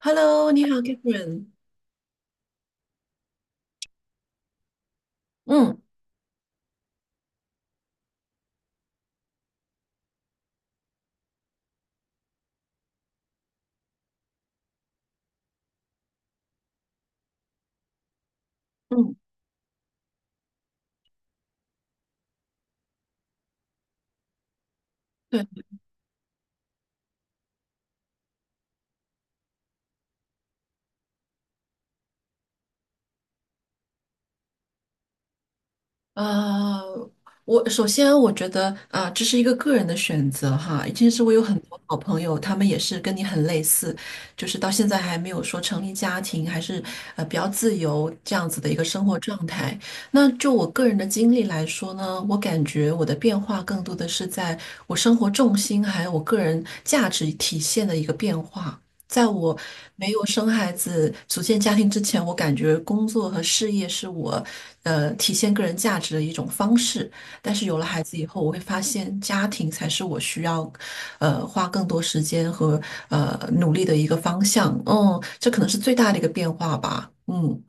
Hello，你好，Catherine。嗯嗯对，呃，我首先我觉得啊、这是一个个人的选择哈。其实我有很多好朋友，他们也是跟你很类似，就是到现在还没有说成立家庭，还是比较自由这样子的一个生活状态。那就我个人的经历来说呢，我感觉我的变化更多的是在我生活重心还有我个人价值体现的一个变化。在我没有生孩子、组建家庭之前，我感觉工作和事业是我，体现个人价值的一种方式。但是有了孩子以后，我会发现家庭才是我需要，花更多时间和努力的一个方向。嗯，这可能是最大的一个变化吧。嗯。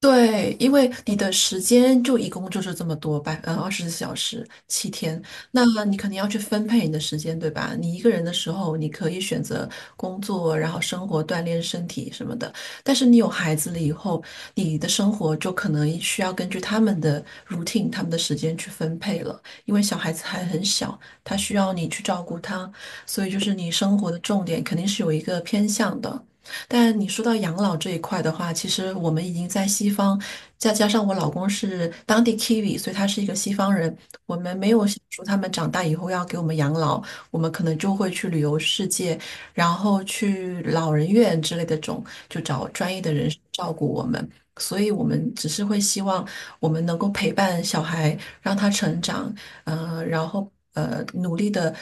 对，因为你的时间就一共就是这么多吧，嗯，24小时，7天，那你肯定要去分配你的时间，对吧？你一个人的时候，你可以选择工作，然后生活、锻炼身体什么的。但是你有孩子了以后，你的生活就可能需要根据他们的 routine、他们的时间去分配了，因为小孩子还很小，他需要你去照顾他，所以就是你生活的重点肯定是有一个偏向的。但你说到养老这一块的话，其实我们已经在西方，再加上我老公是当地 Kiwi，所以他是一个西方人，我们没有想说他们长大以后要给我们养老，我们可能就会去旅游世界，然后去老人院之类的种，就找专业的人士照顾我们。所以我们只是会希望我们能够陪伴小孩，让他成长，然后努力的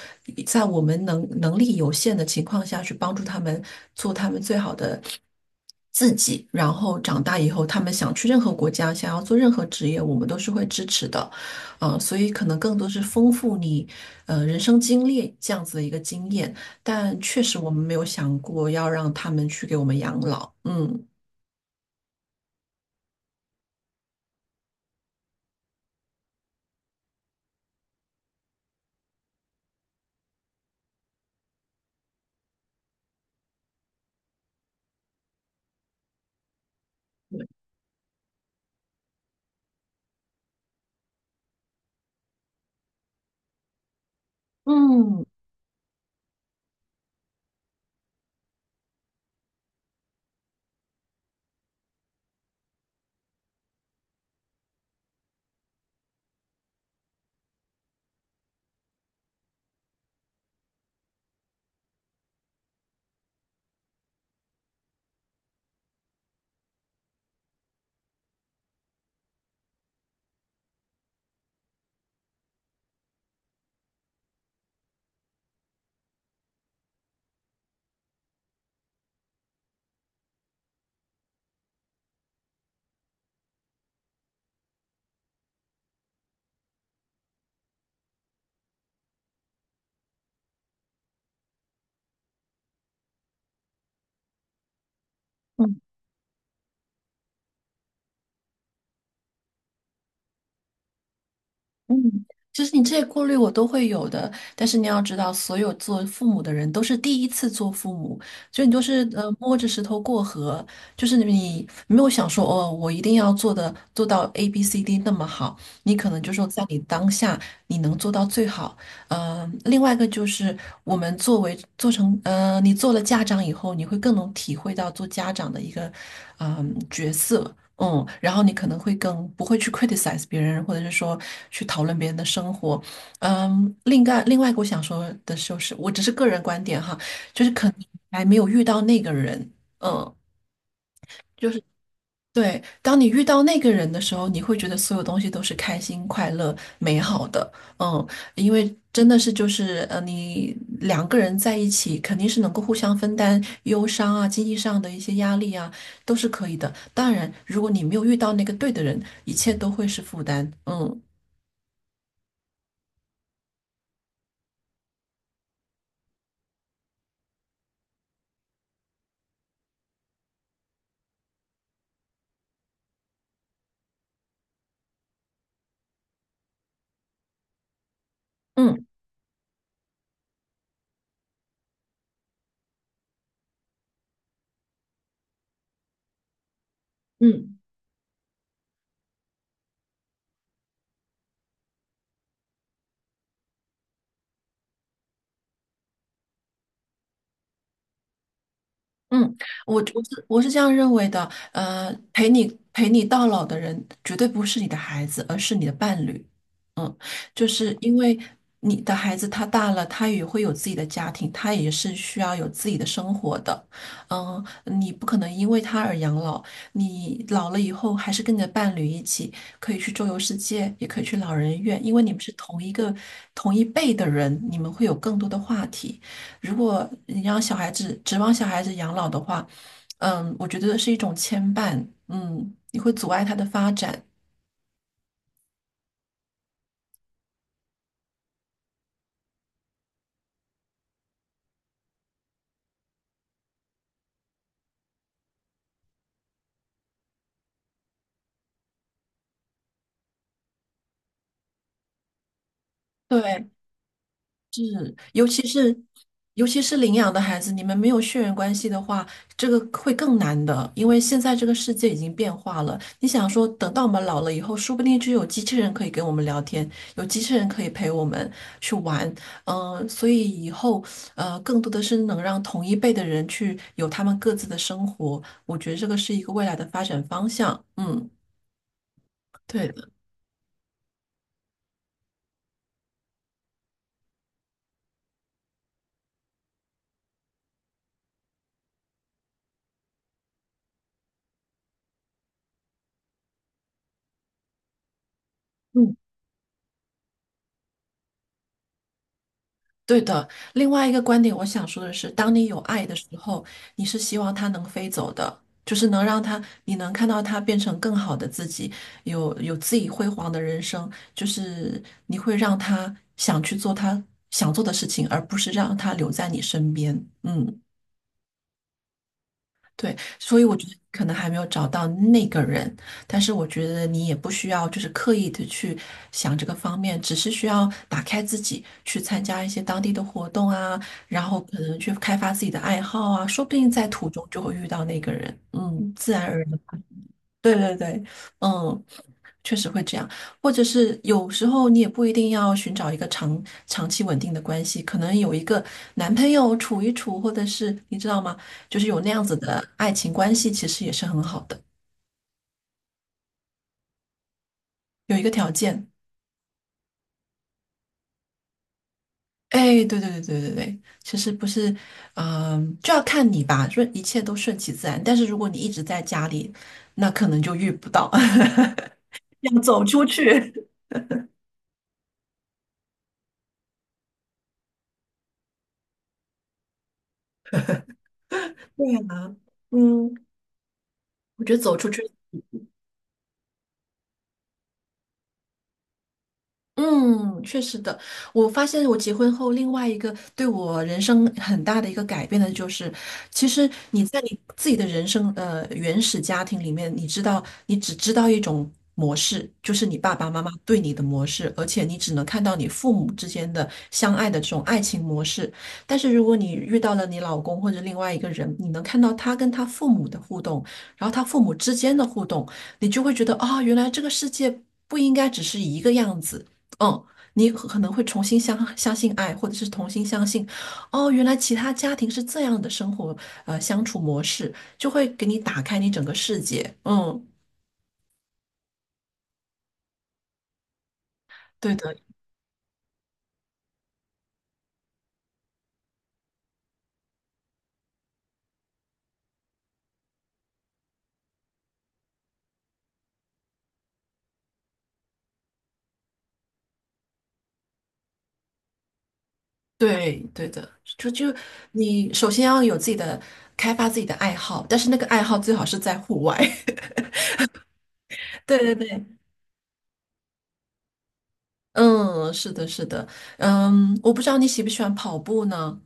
在我们能力有限的情况下去帮助他们做他们最好的自己，然后长大以后，他们想去任何国家，想要做任何职业，我们都是会支持的，啊、所以可能更多是丰富你人生经历这样子的一个经验，但确实我们没有想过要让他们去给我们养老，嗯。嗯嗯。嗯，其实你这些顾虑我都会有的，但是你要知道，所有做父母的人都是第一次做父母，所以你就是摸着石头过河，就是你没有想说哦，我一定要做到 A B C D 那么好，你可能就说在你当下你能做到最好。另外一个就是我们作为做成呃你做了家长以后，你会更能体会到做家长的一个角色，然后你可能会更不会去 criticize 别人，或者是说去讨论别人的生活。另外，我想说的就是，我只是个人观点哈，就是可能还没有遇到那个人，嗯，就是。对，当你遇到那个人的时候，你会觉得所有东西都是开心、快乐、美好的。嗯，因为真的是就是你两个人在一起，肯定是能够互相分担忧伤啊、经济上的一些压力啊，都是可以的。当然，如果你没有遇到那个对的人，一切都会是负担。嗯嗯。嗯。嗯，我是这样认为的，呃，陪你陪你到老的人绝对不是你的孩子，而是你的伴侣。嗯，就是因为你的孩子他大了，他也会有自己的家庭，他也是需要有自己的生活的。你不可能因为他而养老，你老了以后还是跟你的伴侣一起可以去周游世界，也可以去老人院，因为你们是同一辈的人，你们会有更多的话题。如果你让小孩子指望小孩子养老的话，我觉得是一种牵绊，你会阻碍他的发展。对，是，尤其是领养的孩子，你们没有血缘关系的话，这个会更难的，因为现在这个世界已经变化了。你想说，等到我们老了以后，说不定就有机器人可以跟我们聊天，有机器人可以陪我们去玩，所以以后更多的是能让同一辈的人去有他们各自的生活，我觉得这个是一个未来的发展方向。嗯，对的。对的，另外一个观点，我想说的是，当你有爱的时候，你是希望它能飞走的，就是能让它，你能看到它变成更好的自己，有自己辉煌的人生，就是你会让他想去做他想做的事情，而不是让他留在你身边。嗯对，所以我觉得可能还没有找到那个人，但是我觉得你也不需要就是刻意的去想这个方面，只是需要打开自己，去参加一些当地的活动啊，然后可能去开发自己的爱好啊，说不定在途中就会遇到那个人，自然而然。对对对，嗯，确实会这样，或者是有时候你也不一定要寻找一个长期稳定的关系，可能有一个男朋友处一处，或者是你知道吗？就是有那样子的爱情关系，其实也是很好的。有一个条件，哎，对对对对对对，其实不是，就要看你吧，一切都顺其自然。但是如果你一直在家里，那可能就遇不到，要走出去。对呀，嗯，我觉得走出去。嗯，确实的。我发现我结婚后，另外一个对我人生很大的一个改变的就是，其实你在你自己的人生原始家庭里面，你知道你只知道一种模式，就是你爸爸妈妈对你的模式，而且你只能看到你父母之间的相爱的这种爱情模式。但是如果你遇到了你老公或者另外一个人，你能看到他跟他父母的互动，然后他父母之间的互动，你就会觉得啊、原来这个世界。不应该只是一个样子，嗯，你可能会重新相信爱，或者是重新相信，哦，原来其他家庭是这样的生活，相处模式，就会给你打开你整个世界。嗯，对的，对对的，就你首先要有自己的开发自己的爱好，但是那个爱好最好是在户外。对对对，嗯，是的，是的，我不知道你喜不喜欢跑步呢？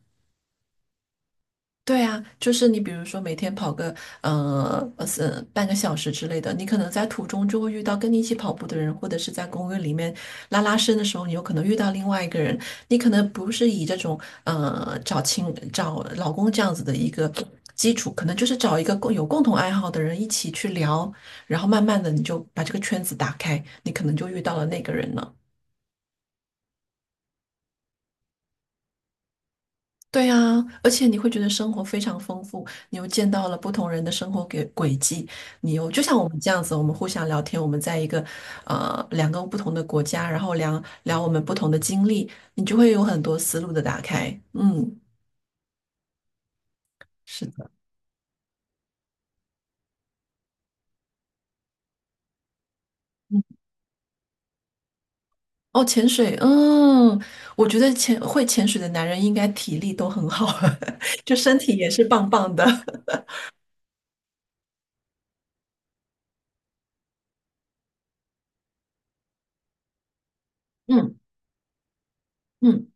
对啊，就是你比如说每天跑个是半个小时之类的，你可能在途中就会遇到跟你一起跑步的人，或者是在公园里面拉伸的时候，你有可能遇到另外一个人，你可能不是以这种找老公这样子的一个基础，可能就是找一个共同爱好的人一起去聊，然后慢慢的你就把这个圈子打开，你可能就遇到了那个人了。对呀，而且你会觉得生活非常丰富，你又见到了不同人的生活轨迹，你又就像我们这样子，我们互相聊天，我们在两个不同的国家，然后聊聊我们不同的经历，你就会有很多思路的打开。嗯，是的，嗯，哦，潜水，我觉得会潜水的男人应该体力都很好，就身体也是棒棒的。嗯嗯。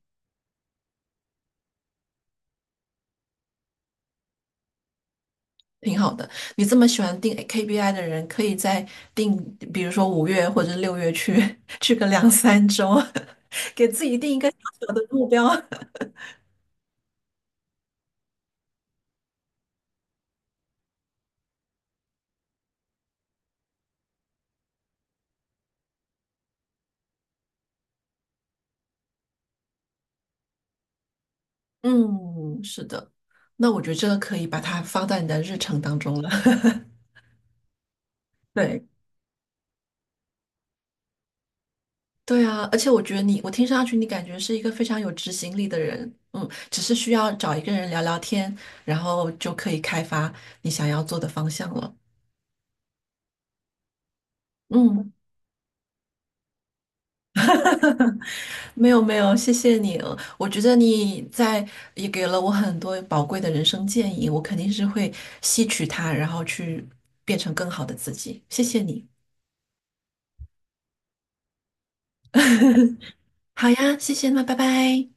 挺好的。你这么喜欢定 KPI 的人，可以再定，比如说5月或者6月去 去个两三周，给自己定一个小小的目标。嗯，是的。那我觉得这个可以把它放在你的日程当中了。对对啊，而且我听上去你感觉是一个非常有执行力的人，只是需要找一个人聊聊天，然后就可以开发你想要做的方向了。嗯，没有没有，谢谢你。我觉得也给了我很多宝贵的人生建议，我肯定是会吸取它，然后去变成更好的自己。谢谢你。好呀，谢谢，那拜拜。